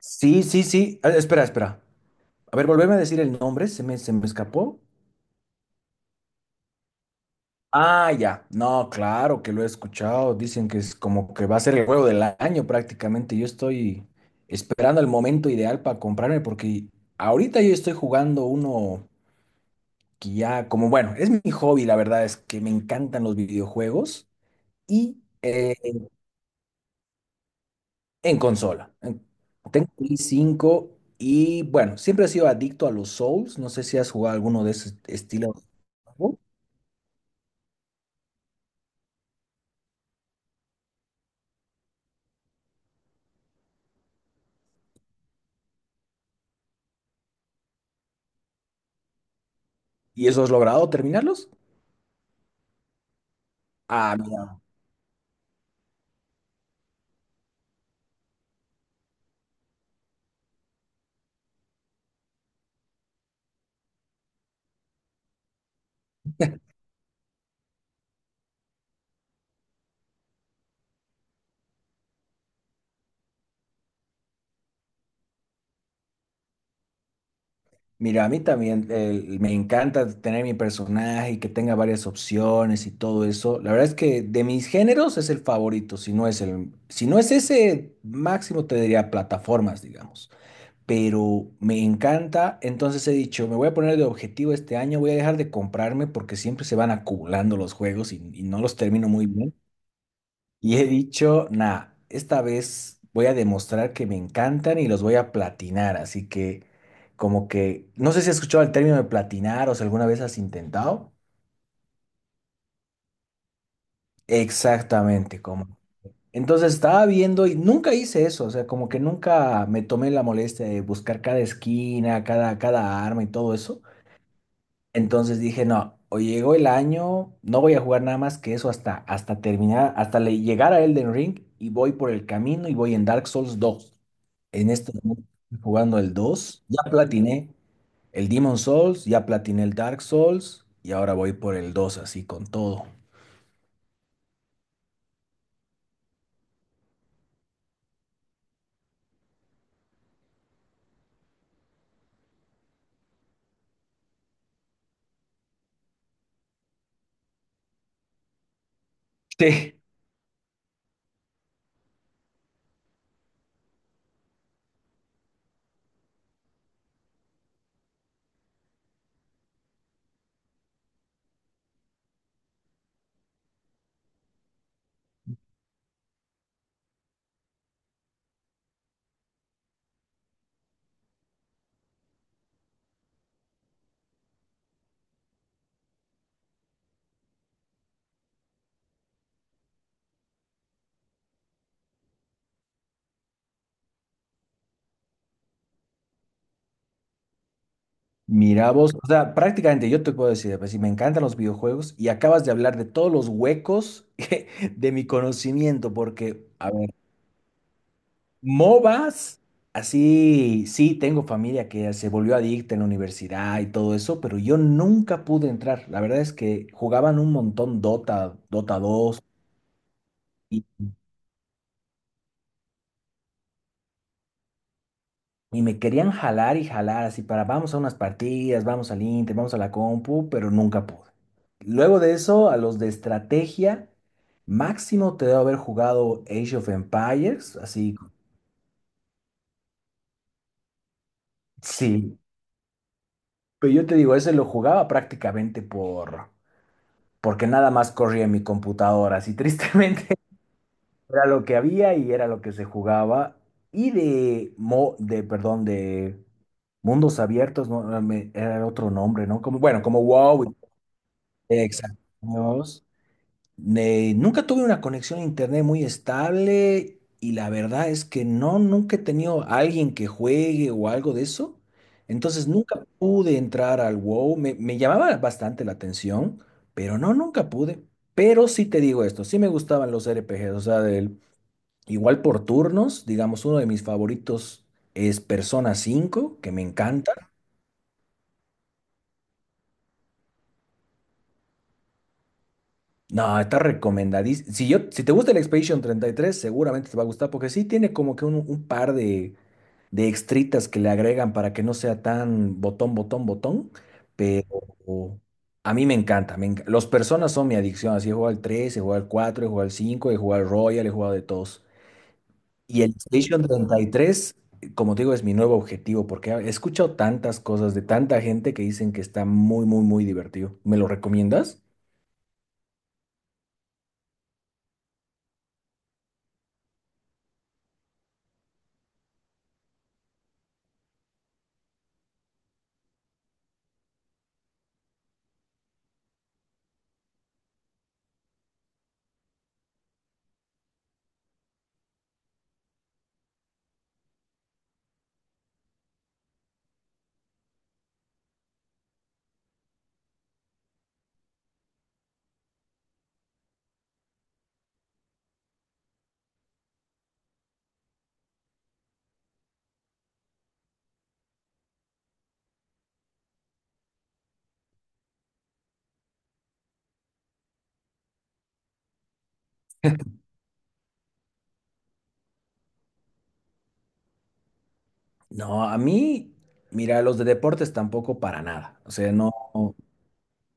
Sí, sí, sí. Ah, espera, espera. A ver, volveme a decir el nombre, se me escapó. Ah, ya. No, claro que lo he escuchado. Dicen que es como que va a ser el juego del año prácticamente. Yo estoy esperando el momento ideal para comprarme porque ahorita yo estoy jugando uno que ya, como bueno, es mi hobby, la verdad es que me encantan los videojuegos y consola. Tengo Play 5 y bueno, siempre he sido adicto a los Souls. No sé si has jugado alguno de ese estilo. ¿Y eso has logrado terminarlos? Ah, mira, mira, a mí también me encanta tener mi personaje y que tenga varias opciones y todo eso. La verdad es que de mis géneros es el favorito, si no es ese máximo te diría plataformas, digamos. Pero me encanta, entonces he dicho, me voy a poner de objetivo este año, voy a dejar de comprarme porque siempre se van acumulando los juegos y no los termino muy bien. Y he dicho, nah, esta vez voy a demostrar que me encantan y los voy a platinar. Así que, como que, no sé si has escuchado el término de platinar o si alguna vez has intentado. Exactamente, como. Entonces estaba viendo y nunca hice eso, o sea, como que nunca me tomé la molestia de buscar cada esquina, cada arma y todo eso. Entonces dije, no, o llegó el año, no voy a jugar nada más que eso hasta terminar, hasta llegar a Elden Ring y voy por el camino y voy en Dark Souls dos. En este momento estoy jugando el dos. Ya platiné el Demon Souls, ya platiné el Dark Souls y ahora voy por el 2 así con todo. Sí. Mira vos, o sea, prácticamente yo te puedo decir, pues si me encantan los videojuegos y acabas de hablar de todos los huecos de mi conocimiento, porque, a ver, MOBAs, así, sí, tengo familia que se volvió adicta en la universidad y todo eso, pero yo nunca pude entrar. La verdad es que jugaban un montón Dota, Dota dos. Y me querían jalar y jalar así para vamos a unas partidas, vamos al Inter, vamos a la compu, pero nunca pude. Luego de eso, a los de estrategia, máximo te debo haber jugado Age of Empires, así, sí. Pero yo te digo, ese lo jugaba porque nada más corría en mi computadora, así tristemente era lo que había y era lo que se jugaba. Y perdón, de mundos abiertos, no. Ah, era otro nombre, ¿no? Como, bueno, como WoW. Exacto. Nunca tuve una conexión a internet muy estable y la verdad es que no, nunca he tenido a alguien que juegue o algo de eso. Entonces nunca pude entrar al WoW. Me llamaba bastante la atención, pero no, nunca pude. Pero sí te digo esto, sí me gustaban los RPGs, o sea, igual por turnos, digamos, uno de mis favoritos es Persona cinco, que me encanta. No, está recomendadísimo. Si yo, si te gusta el Expedition treinta y tres, seguramente te va a gustar porque sí tiene como que un par de extritas que le agregan para que no sea tan botón, botón, botón. Pero a mí me encanta. Los personas son mi adicción. Así he jugado al 3, he jugado al 4, he jugado al 5, he jugado al Royal, he jugado de todos. Y el Expedition treinta y tres, como te digo, es mi nuevo objetivo porque he escuchado tantas cosas de tanta gente que dicen que está muy, muy, muy divertido. ¿Me lo recomiendas? No, a mí, mira, los de deportes tampoco para nada. O sea, no,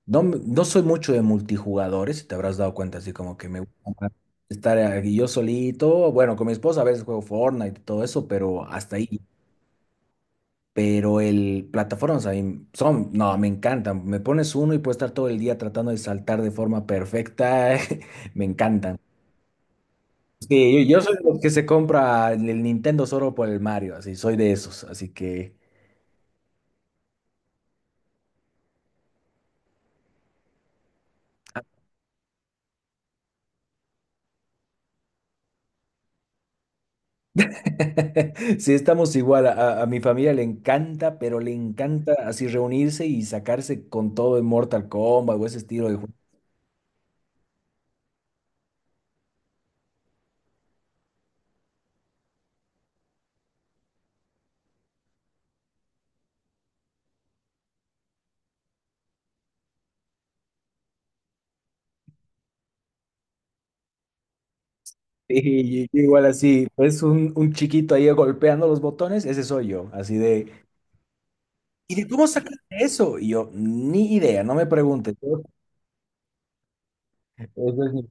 no, no soy mucho de multijugadores, si te habrás dado cuenta, así como que me gusta estar aquí yo solito. Bueno, con mi esposa a veces juego Fortnite y todo eso, pero hasta ahí. Pero el plataformas a mí son, no, me encantan. Me pones uno y puedo estar todo el día tratando de saltar de forma perfecta. Me encantan. Sí, yo soy de los que se compra el Nintendo solo por el Mario, así, soy de esos, así que. Sí, estamos igual. A mi familia le encanta, pero le encanta así reunirse y sacarse con todo en Mortal Kombat o ese estilo de juego. Sí. Y, yo igual así, pues un chiquito ahí golpeando los botones, ese soy yo, así de, ¿y de cómo sacaste eso? Y yo, ni idea, no me preguntes. Eso es mi.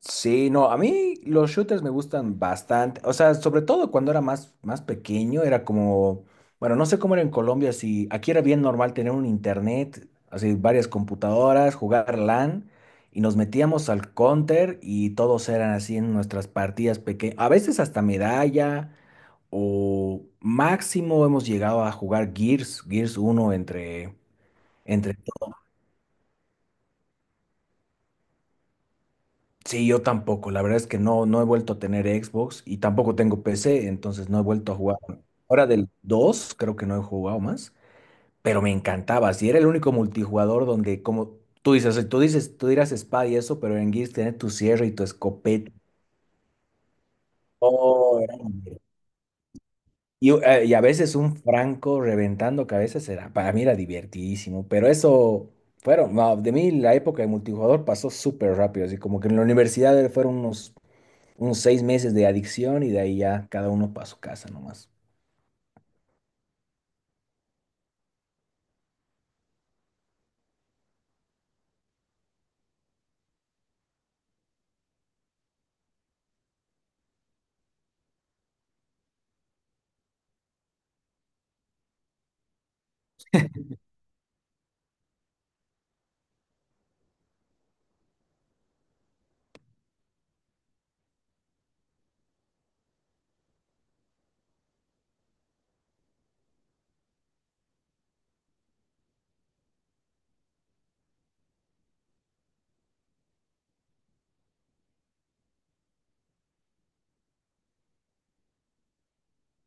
Sí, no, a mí los shooters me gustan bastante, o sea, sobre todo cuando era más, más pequeño, era como, bueno, no sé cómo era en Colombia, si aquí era bien normal tener un internet, así varias computadoras, jugar LAN, y nos metíamos al counter y todos eran así en nuestras partidas pequeñas, a veces hasta medalla, o máximo hemos llegado a jugar Gears, Gears uno entre, entre. Sí, yo tampoco. La verdad es que no, no he vuelto a tener Xbox y tampoco tengo PC, entonces no he vuelto a jugar. Ahora del 2 creo que no he jugado más, pero me encantaba. Si era el único multijugador donde, como tú dices, tú dirás espada y eso, pero en Gears tenés tu sierra y tu escopeta. Oh, era- y a veces un franco reventando cabezas era, para mí era divertidísimo, pero eso fueron, no, de mí la época de multijugador pasó súper rápido, así como que en la universidad fueron unos seis meses de adicción y de ahí ya cada uno para su casa nomás.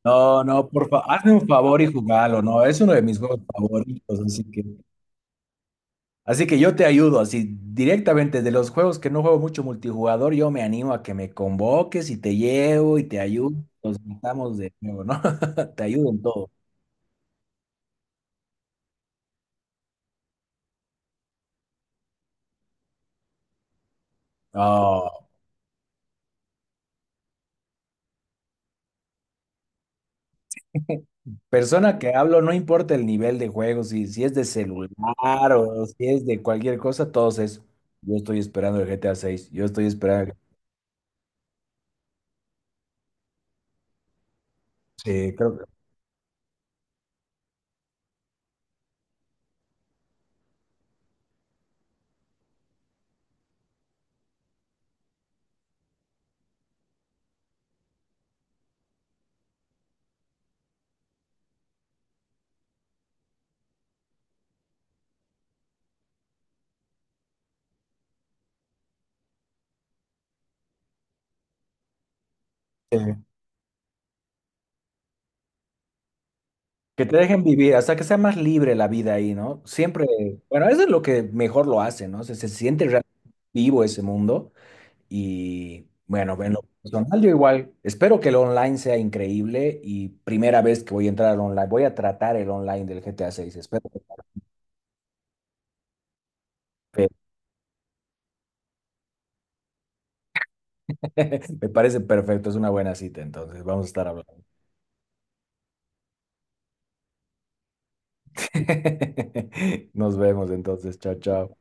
No, no, por favor, hazme un favor y jugalo, no, es uno de mis juegos favoritos, así que yo te ayudo, así directamente de los juegos que no juego mucho multijugador, yo me animo a que me convoques y te llevo y te ayudo, nos juntamos de nuevo, ¿no? Te ayudo en todo. No, persona que hablo, no importa el nivel de juego, si es de celular o si es de cualquier cosa, todos es, yo estoy esperando el GTA 6, yo estoy esperando. Sí, creo que, sí. Que te dejen vivir, hasta que sea más libre la vida ahí, ¿no? Siempre, bueno, eso es lo que mejor lo hace, ¿no? Se siente realmente vivo ese mundo y, bueno, en lo personal yo igual, espero que el online sea increíble y primera vez que voy a entrar al online, voy a tratar el online del GTA 6, espero. que- Me parece perfecto, es una buena cita, entonces vamos a estar hablando. Nos vemos entonces, chao, chao.